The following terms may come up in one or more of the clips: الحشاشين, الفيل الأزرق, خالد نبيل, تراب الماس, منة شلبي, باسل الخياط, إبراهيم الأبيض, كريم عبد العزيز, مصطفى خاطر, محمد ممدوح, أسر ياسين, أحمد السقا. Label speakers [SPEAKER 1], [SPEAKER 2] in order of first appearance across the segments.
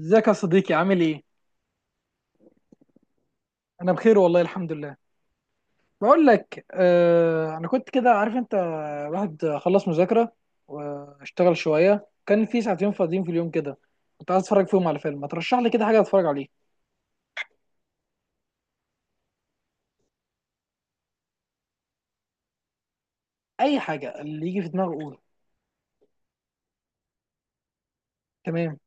[SPEAKER 1] ازيك يا صديقي عامل ايه؟ انا بخير والله الحمد لله. بقول لك انا كنت كده عارف انت الواحد خلص مذاكرة واشتغل شوية، كان في ساعتين فاضيين في اليوم كده، كنت عايز اتفرج فيهم على فيلم. ما ترشح لي كده حاجة اتفرج عليه. اي حاجة اللي يجي في دماغي قوله. تمام،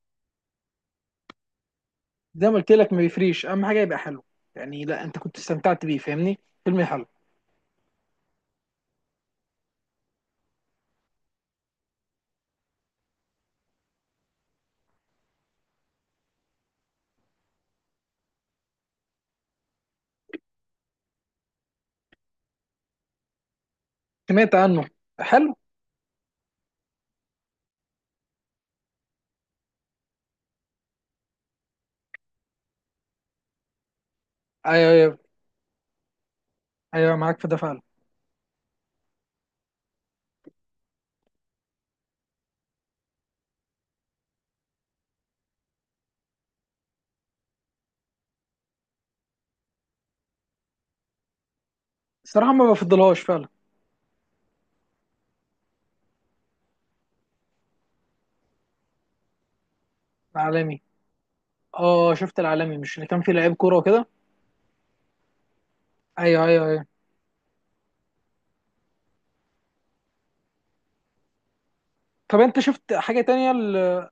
[SPEAKER 1] زي ما قلت لك ما بيفريش، اهم حاجة يبقى حلو، يعني لا انت كنت استمتعت بيه، فاهمني؟ فيلم حلو. سمعت عنه. حلو. ايوه ايوه، ايوه معاك في ده فعلا. الصراحة ما بفضلهاش فعلا. العالمي. اه شفت العالمي، مش اللي كان فيه لعيب كورة وكده. ايوه ايوه ايوه. طب انت شفت حاجه تانية ل...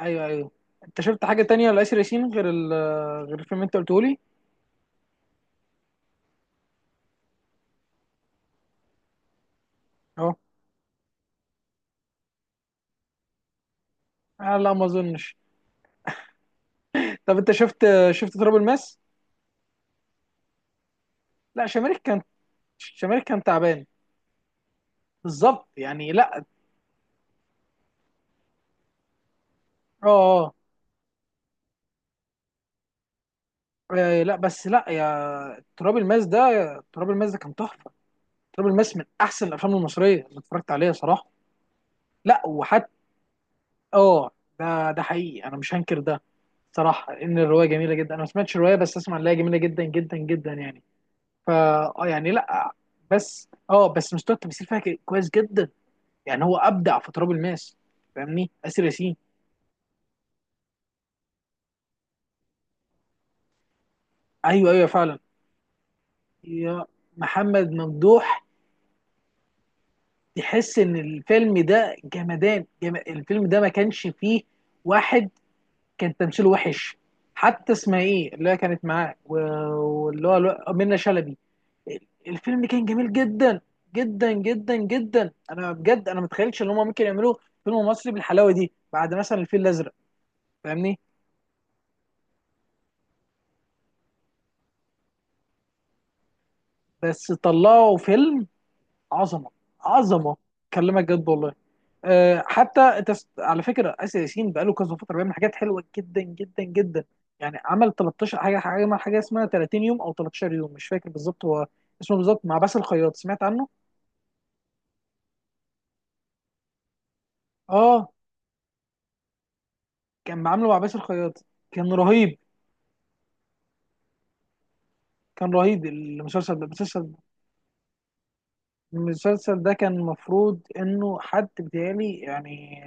[SPEAKER 1] ايوه ايوه، انت شفت حاجه تانية لآسر ياسين غير ال... غير الفيلم اللي انت قلته لي؟ اهو. آه لا ما اظنش. طب انت شفت، شفت تراب الماس؟ لا شماريخ كان، شماريخ كان تعبان، بالظبط يعني لا. اه اه. لا تراب الماس ده، تراب الماس ده كان تحفه. تراب الماس من احسن الافلام المصريه اللي اتفرجت عليها صراحه. لا وحتى، اه ده ده حقيقي انا مش هنكر ده. صراحه ان الروايه جميله جدا، انا ما سمعتش الروايه بس اسمع ان هي جميله جدا جدا جدا يعني. فا اه يعني لا، بس اه بس مستوى التمثيل فيها كويس جدا، يعني هو ابدع في تراب الماس، فاهمني؟ اسر ياسين. ايوه ايوه فعلا. يا محمد ممدوح، تحس ان الفيلم ده جمدان الفيلم ده ما كانش فيه واحد كان تمثيله وحش. حتى اسمها ايه اللي هي كانت معاه واللي هو منة شلبي. الفيلم كان جميل جدا جدا جدا جدا، انا بجد انا ما اتخيلتش ان هم ممكن يعملوا فيلم مصري بالحلاوه دي بعد مثلا الفيل الازرق، فاهمني؟ بس طلعوا فيلم عظمه، عظمه. كلمك جد والله. أه حتى على فكره اسر ياسين بقاله كذا فتره بيعمل حاجات حلوه جدا جدا جدا. يعني عمل 13 حاجه، حاجه عمل حاجه اسمها 30 يوم او 13 يوم مش فاكر بالظبط هو اسمه بالظبط، مع باسل الخياط، سمعت عنه؟ اه كان عامله مع باسل الخياط، كان رهيب. كان رهيب المسلسل ده، المسلسل، المسلسل ده كان المفروض انه حد بيتهيألي يعني،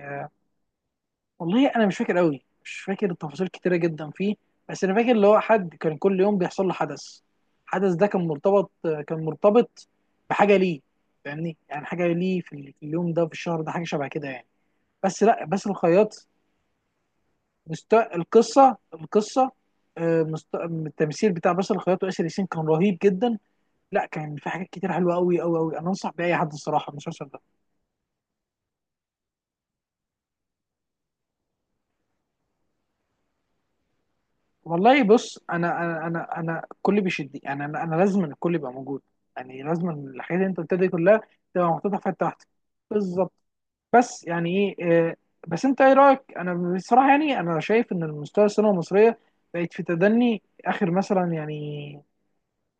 [SPEAKER 1] والله انا مش فاكر قوي، مش فاكر تفاصيل كتيره جدا فيه. بس انا فاكر اللي هو حد كان كل يوم بيحصل له حدث، الحدث ده كان مرتبط، كان مرتبط بحاجه ليه، فاهمني؟ يعني حاجه ليه في اليوم ده في الشهر ده، حاجه شبه كده يعني. بس لا باسل الخياط القصه، القصه، التمثيل بتاع باسل الخياط واسر ياسين كان رهيب جدا. لا كان في حاجات كتير حلوه قوي قوي قوي، انا انصح باي حد الصراحه المسلسل ده. والله بص انا انا الكل بيشدني، يعني انا لازم الكل يبقى موجود. يعني لازم الحاجات اللي انت قلتها دي كلها تبقى محطوطه في حته واحده. بالظبط. بس يعني ايه بس انت ايه رايك؟ انا بصراحه يعني انا شايف ان المستوى السينما المصريه بقت في تدني اخر مثلا، يعني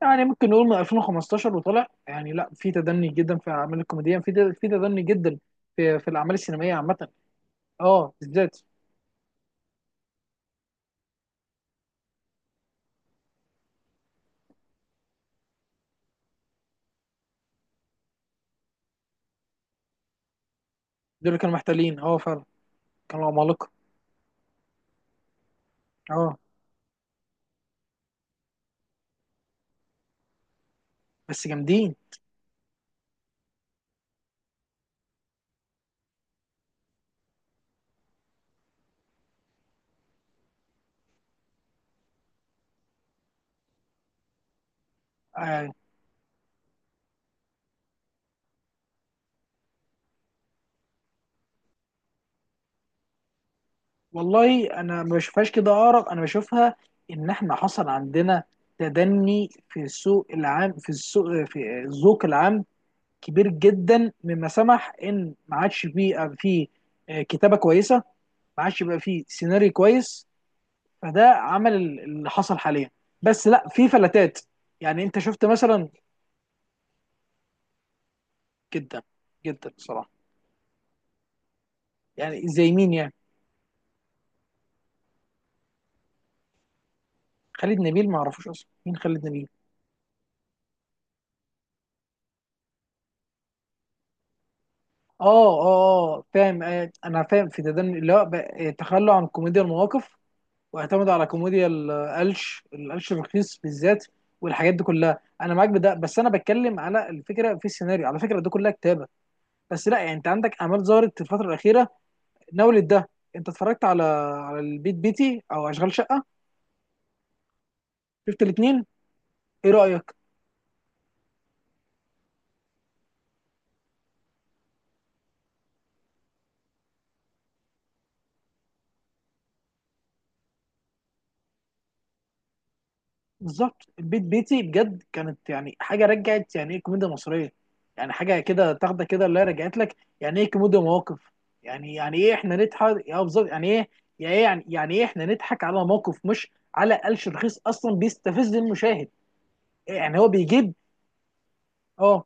[SPEAKER 1] يعني ممكن نقول من 2015 وطلع يعني لا في تدني جدا في الاعمال الكوميديه، في تدني جدا في الاعمال السينمائيه عامه. اه بالذات. دول اللي كانوا محتلين، اه فعلا كانوا عمالقه. اه بس جامدين. آه، والله انا ما بشوفهاش كده، ارق انا بشوفها ان احنا حصل عندنا تدني في السوق العام، في السوق في الذوق العام كبير جدا، مما سمح ان ما عادش بيبقى فيه كتابه كويسه، ما عادش بيبقى فيه سيناريو كويس، فده عمل اللي حصل حاليا. بس لا في فلتات. يعني انت شفت مثلا؟ جدا جدا بصراحه. يعني زي مين يعني؟ خالد نبيل ما اعرفوش اصلا مين خالد نبيل. اه اه اه فاهم، انا فاهم في تدني اللي هو تخلوا عن كوميديا المواقف واعتمدوا على كوميديا القلش، القلش الرخيص بالذات، والحاجات دي كلها انا معاك بده. بس انا بتكلم على الفكره في السيناريو، على فكره ده كلها كتابه. بس لا يعني انت عندك اعمال ظهرت في الفتره الاخيره ناولت ده. انت اتفرجت على، على البيت بيتي او اشغال شقه؟ شفت الاثنين؟ ايه رايك؟ بالظبط البيت بيتي بجد كانت يعني حاجه رجعت يعني ايه كوميديا مصريه، يعني حاجه كده تاخده كده اللي هي رجعت لك يعني ايه كوميديا مواقف. يعني يعني ايه احنا نضحك يا بالظبط، يعني ايه يا ايه، يعني يعني ايه احنا نضحك على موقف، مش على قلش رخيص اصلا بيستفز المشاهد. يعني هو بيجيب. اه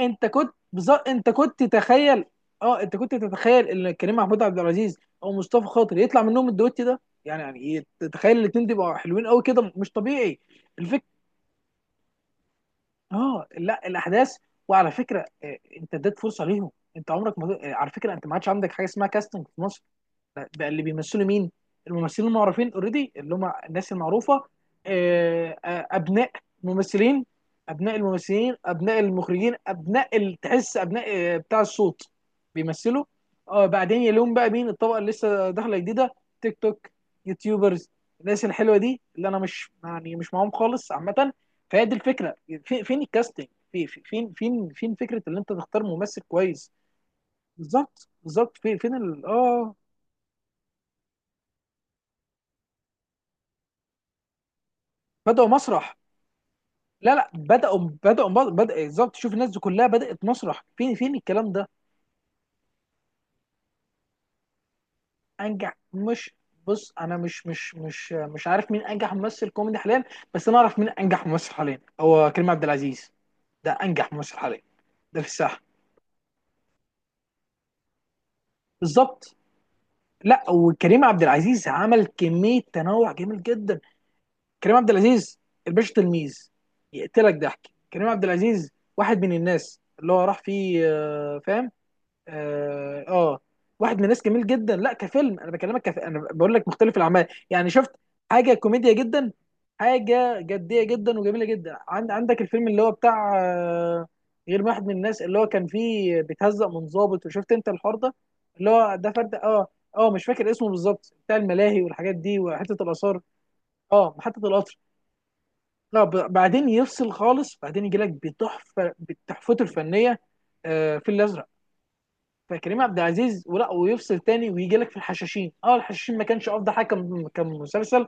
[SPEAKER 1] انت كنت بالظبط، انت كنت تتخيل، اه انت كنت تتخيل ان كريم محمود عبد العزيز او مصطفى خاطر يطلع منهم الدويت ده؟ يعني يعني ايه تتخيل الاتنين دول يبقوا حلوين قوي كده؟ مش طبيعي. اه لا الاحداث. وعلى فكره انت اديت فرصه ليهم. انت عمرك ما على فكره انت ما عادش عندك حاجه اسمها كاستنج في مصر، بقى اللي بيمثلوا مين؟ الممثلين المعروفين اوريدي اللي هم الناس المعروفه، ابناء ممثلين، ابناء الممثلين، ابناء المخرجين، تحس ابناء بتاع الصوت بيمثلوا. اه بعدين يلوم بقى مين؟ الطبقه اللي لسه داخله جديده، تيك توك، يوتيوبرز، الناس الحلوه دي اللي انا مش يعني مش معاهم خالص عامه. فهي دي الفكره، فين الكاستنج؟ في فين فين فين فكره ان انت تختار ممثل كويس؟ بالظبط بالظبط، فين ال... اه. بدأوا مسرح، لا لا بدأوا بالظبط، شوف الناس دي كلها بدأت مسرح، فين فين الكلام ده؟ أنجح مش، بص أنا مش عارف مين أنجح ممثل كوميدي حاليا، بس أنا أعرف مين أنجح ممثل حاليا، هو كريم عبد العزيز. ده أنجح ممثل حاليا، ده في الساحة. بالظبط. لا وكريم عبد العزيز عمل كمية تنوع جميل جدا. كريم عبد العزيز، الباشا تلميذ، يقتلك ضحك. كريم عبد العزيز واحد من الناس اللي هو راح فيه فاهم. اه واحد من الناس جميل جدا. لا كفيلم انا بكلمك انا بقول لك مختلف الاعمال يعني شفت حاجه كوميديا جدا، حاجه جديه جدا وجميله جدا. عندك الفيلم اللي هو بتاع غير واحد من الناس اللي هو كان فيه بيتهزق من ضابط، وشفت انت الحوار ده اللي هو ده فرد. اه اه مش فاكر اسمه بالظبط، بتاع الملاهي والحاجات دي وحته الاثار. اه محطه القطر. لا بعدين يفصل خالص، بعدين يجي لك بتحفه بتحفته الفنيه، في الازرق. فكريم عبد العزيز ولا، ويفصل تاني ويجي لك في الحشاشين، اه الحشاشين ما كانش افضل حاجه كمسلسل.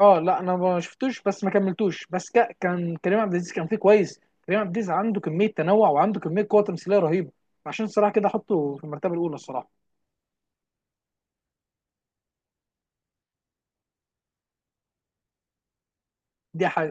[SPEAKER 1] اه لا انا ما شفتوش بس ما كملتوش، بس كان كريم عبد العزيز كان فيه كويس. كريم عبد العزيز عنده كميه تنوع وعنده كميه قوه تمثيليه رهيبه، عشان الصراحه كده احطه في المرتبه الاولى الصراحه. دي ح-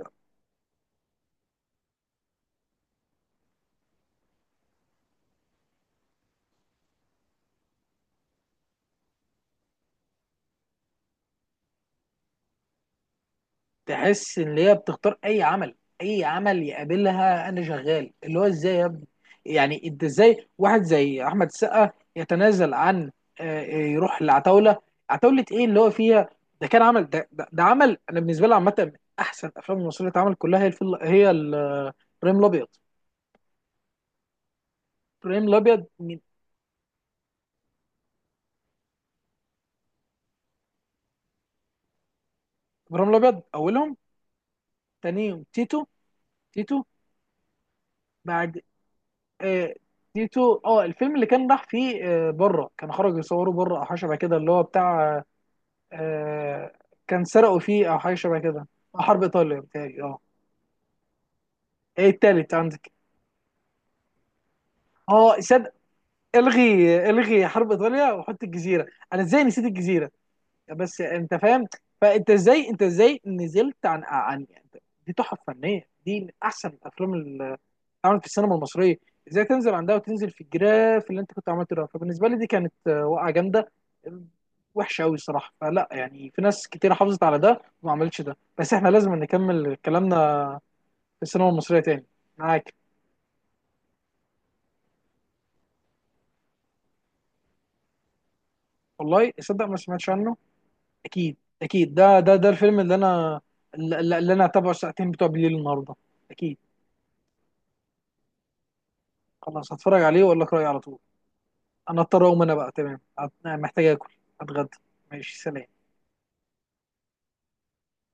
[SPEAKER 1] تحس ان هي بتختار اي عمل، اي عمل يقابلها انا شغال، اللي هو ازاي يا ابني؟ يعني انت ازاي واحد زي احمد السقا يتنازل عن يروح لعتاوله؟ عتاوله ايه اللي هو فيها؟ ده كان عمل، ده عمل انا بالنسبه لي عامه من احسن الافلام المصريه اللي اتعملت، كلها هي الفل... هي ال- آه، ابراهيم الابيض، ابراهيم الابيض من، ابراهيم الابيض اولهم، تانيهم تيتو، تيتو بعد آه، تيتو. اه الفيلم اللي كان راح فيه بره، كان خرج يصوره بره او حاجه شبه كده، اللي هو بتاع آه، كان سرقوا فيه او حاجه شبه كده، حرب ايطاليا بتاعي اه. ايه التالت عندك؟ اه صدق، الغي الغي حرب ايطاليا وحط الجزيره. انا ازاي نسيت الجزيره؟ بس انت فاهم. فانت ازاي، انت ازاي نزلت عن عن، دي تحف فنيه، دي من احسن الافلام عمل في السينما المصريه. ازاي تنزل عندها وتنزل في الجراف اللي انت كنت عملته ده؟ فبالنسبه لي دي كانت وقعه جامده وحشه قوي الصراحه. فلا يعني في ناس كتير حافظت على ده وما عملتش ده. بس احنا لازم نكمل كلامنا في السينما المصريه تاني. معاك. والله تصدق ما سمعتش عنه؟ اكيد اكيد ده ده ده الفيلم اللي انا، اللي اللي انا هتابعه الساعتين بتوع بالليل النهارده، اكيد. خلاص هتفرج عليه واقول لك رايي على طول. انا اضطر اقوم انا بقى، تمام محتاج اكل، اتغدى. ماشي سلام.